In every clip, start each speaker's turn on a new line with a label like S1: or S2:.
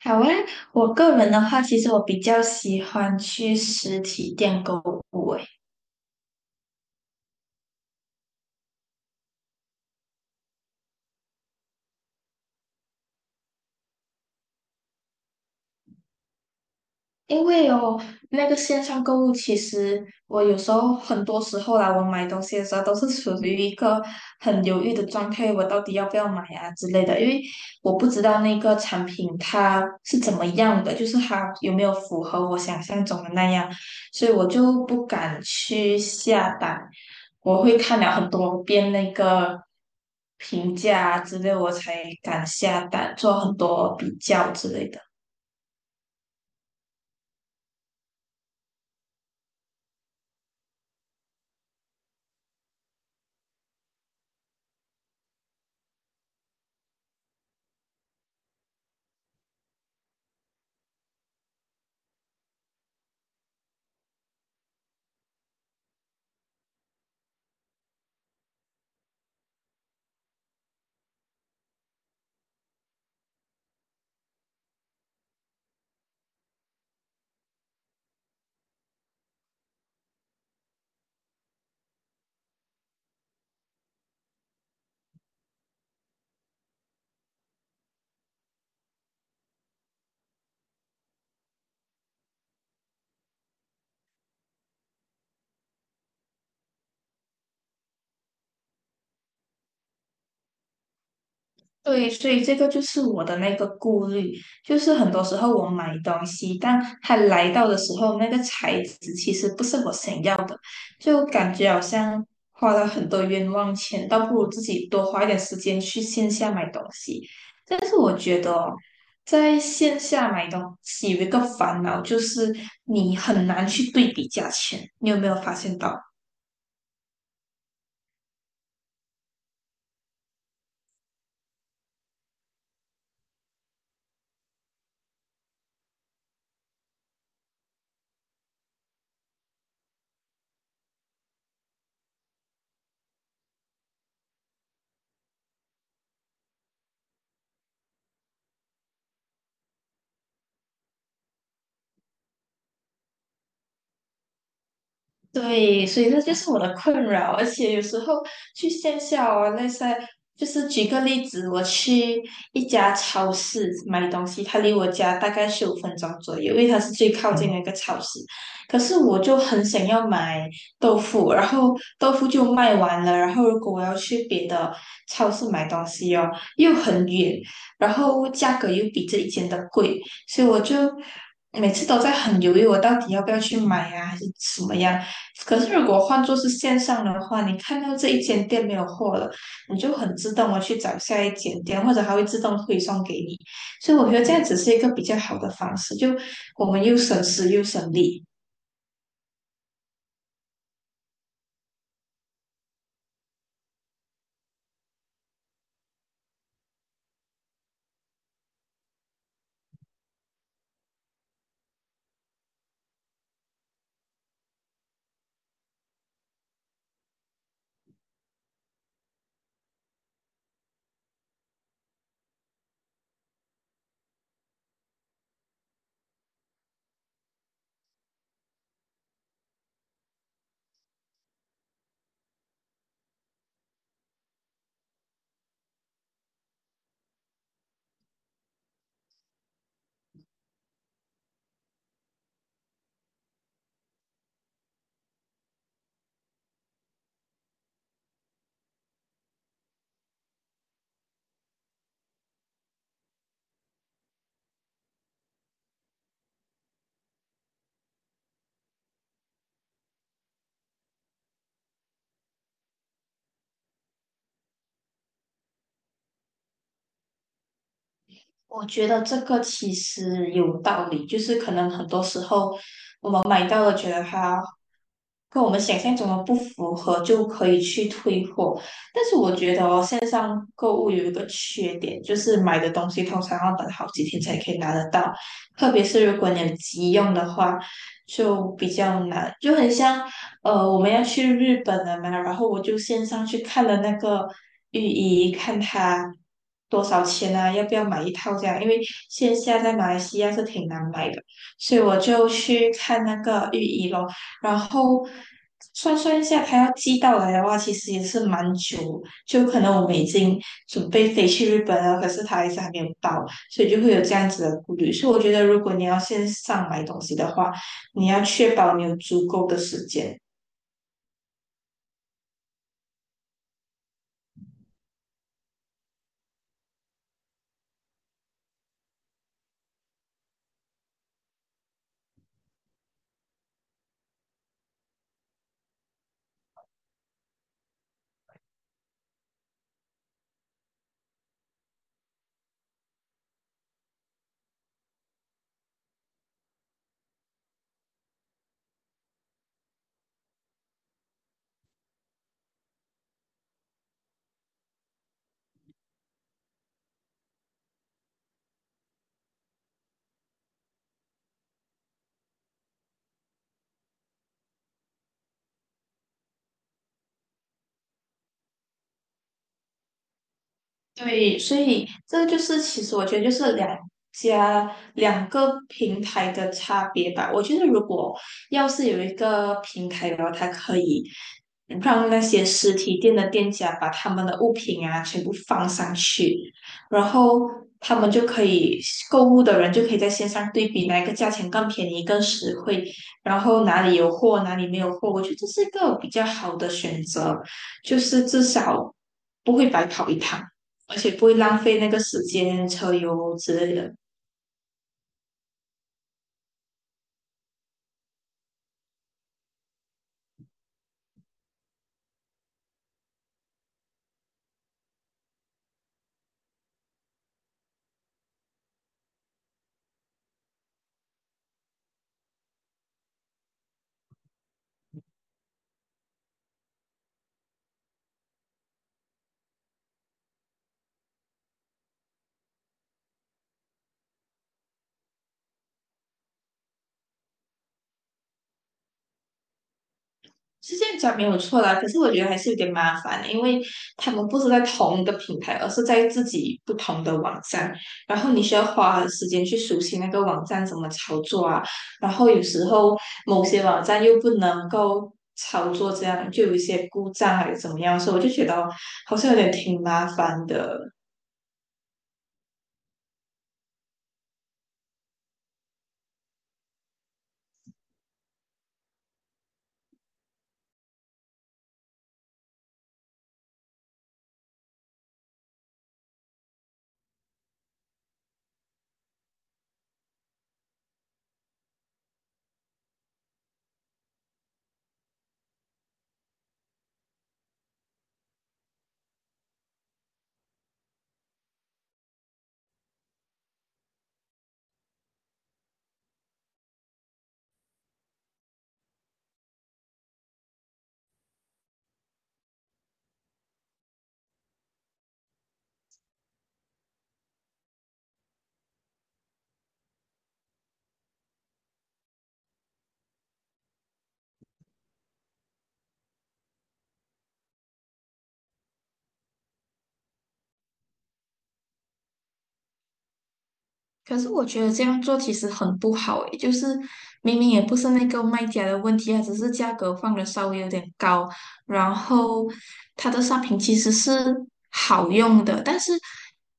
S1: 好啊，我个人的话，其实我比较喜欢去实体店购物。诶。因为哦，那个线上购物，其实我有时候很多时候啦，我买东西的时候都是处于一个很犹豫的状态，我到底要不要买啊之类的，因为我不知道那个产品它是怎么样的，就是它有没有符合我想象中的那样，所以我就不敢去下单，我会看了很多遍那个评价啊之类，我才敢下单，做很多比较之类的。对，所以这个就是我的那个顾虑，就是很多时候我买东西，但它来到的时候，那个材质其实不是我想要，就感觉好像花了很多冤枉钱，倒不如自己多花一点时间去线下买东西。但是我觉得哦，在线下买东西有一个烦恼，就是你很难去对比价钱，你有没有发现到？对，所以这就是我的困扰，而且有时候去线下哦，那些就是举个例子，我去一家超市买东西，它离我家大概15分钟左右，因为它是最靠近的一个超市。可是我就很想要买豆腐，然后豆腐就卖完了，然后如果我要去别的超市买东西哦，又很远，然后价格又比这一间的贵，所以我就每次都在很犹豫，我到底要不要去买呀，还是怎么样？可是如果换作是线上的话，你看到这一间店没有货了，你就很自动的去找下一间店，或者它会自动推送给你。所以我觉得这样子是一个比较好的方式，就我们又省时又省力。我觉得这个其实有道理，就是可能很多时候。买到。跟我们想象中的不符合，就可以去退货。但是我觉得哦，线上购物有一个缺点，就是买的东西通常要等好几天才可以拿得到，特别是如果你有急用的话，就比较难。就很像我们要去日本了嘛，然后我就线上去看了那个浴衣，看它多少钱啊，要不要买一套这样，因为线下在马来西亚是挺难买的。所以我就去看那个浴衣咯，然后算算一下，它要寄到来的话，其实也是蛮久，就可能我们已经准备飞去日本了，可是它还是还没有到，所以就会有这样子的顾虑。所以我觉得，如果你要线上买东西的话，你要确保你有足够的时间。对，所以这就是其实我觉得就是两个平台的差别吧。我觉得如果要是有一个平台，然后它可以让那些实体店的店家把他们的物品啊全部放上去，然后他们就可以购物的人就可以在线上对比哪一个价钱更便宜、更实惠，然后哪里有货，哪里没有货，我觉得这是一个比较好的选择，就是至少不会白跑一趟。而且不会浪费那个时间、车油之类的。是这样讲没有错啦，可是我觉得还是有点麻烦的，因为他们不是在同一个平台，而是在自己不同的网站，然后你需要花时间去熟悉那个网站怎么操作啊，然后有时候某些网站又不能够操作，这样就有一些故障还是怎么样，所以我就觉得好像有点挺麻烦的。可是我觉得这样做其实很不好诶，就是明明也不是那个卖家的问题啊，只是价格放的稍微有点高，然后它的商品其实是好用的，但是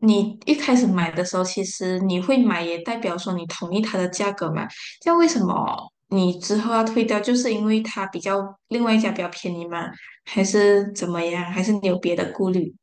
S1: 你一开始买的时候，其实你会买也代表说你同意它的价格嘛，这样为什么你之后要退掉？就是因为它比较另外一家比较便宜吗？还是怎么样？还是你有别的顾虑？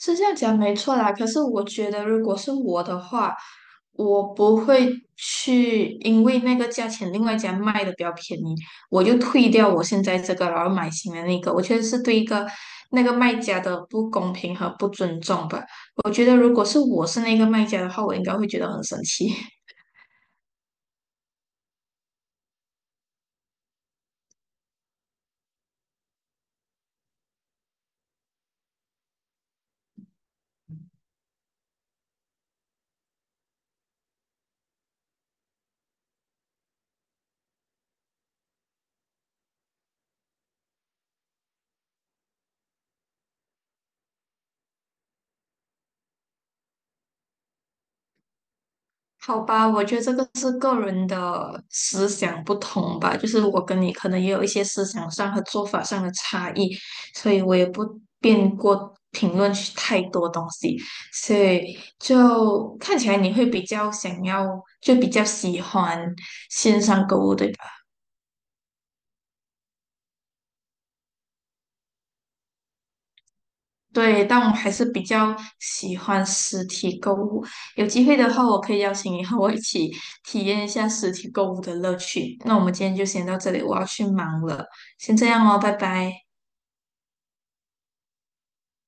S1: 是这样讲没错啦，可是我觉得如果是我的话，我不会去因为那个价钱，另外一家卖的比较便宜，我就退掉我现在这个，然后买新的那个。我觉得是对一个那个卖家的不公平和不尊重吧。我觉得如果是我是那个卖家的话，我应该会觉得很生气。好吧，我觉得这个是个人的思想不同吧，就是我跟你可能也有一些思想上和做法上的差异，所以我也不便过评论去太多东西，所以就看起来你会比较想要，就比较喜欢线上购物，对吧？对，但我还是比较喜欢实体购物。有机会的话，我可以邀请你和我一起体验一下实体购物的乐趣。那我们今天就先到这里，我要去忙了，先这样哦，拜拜。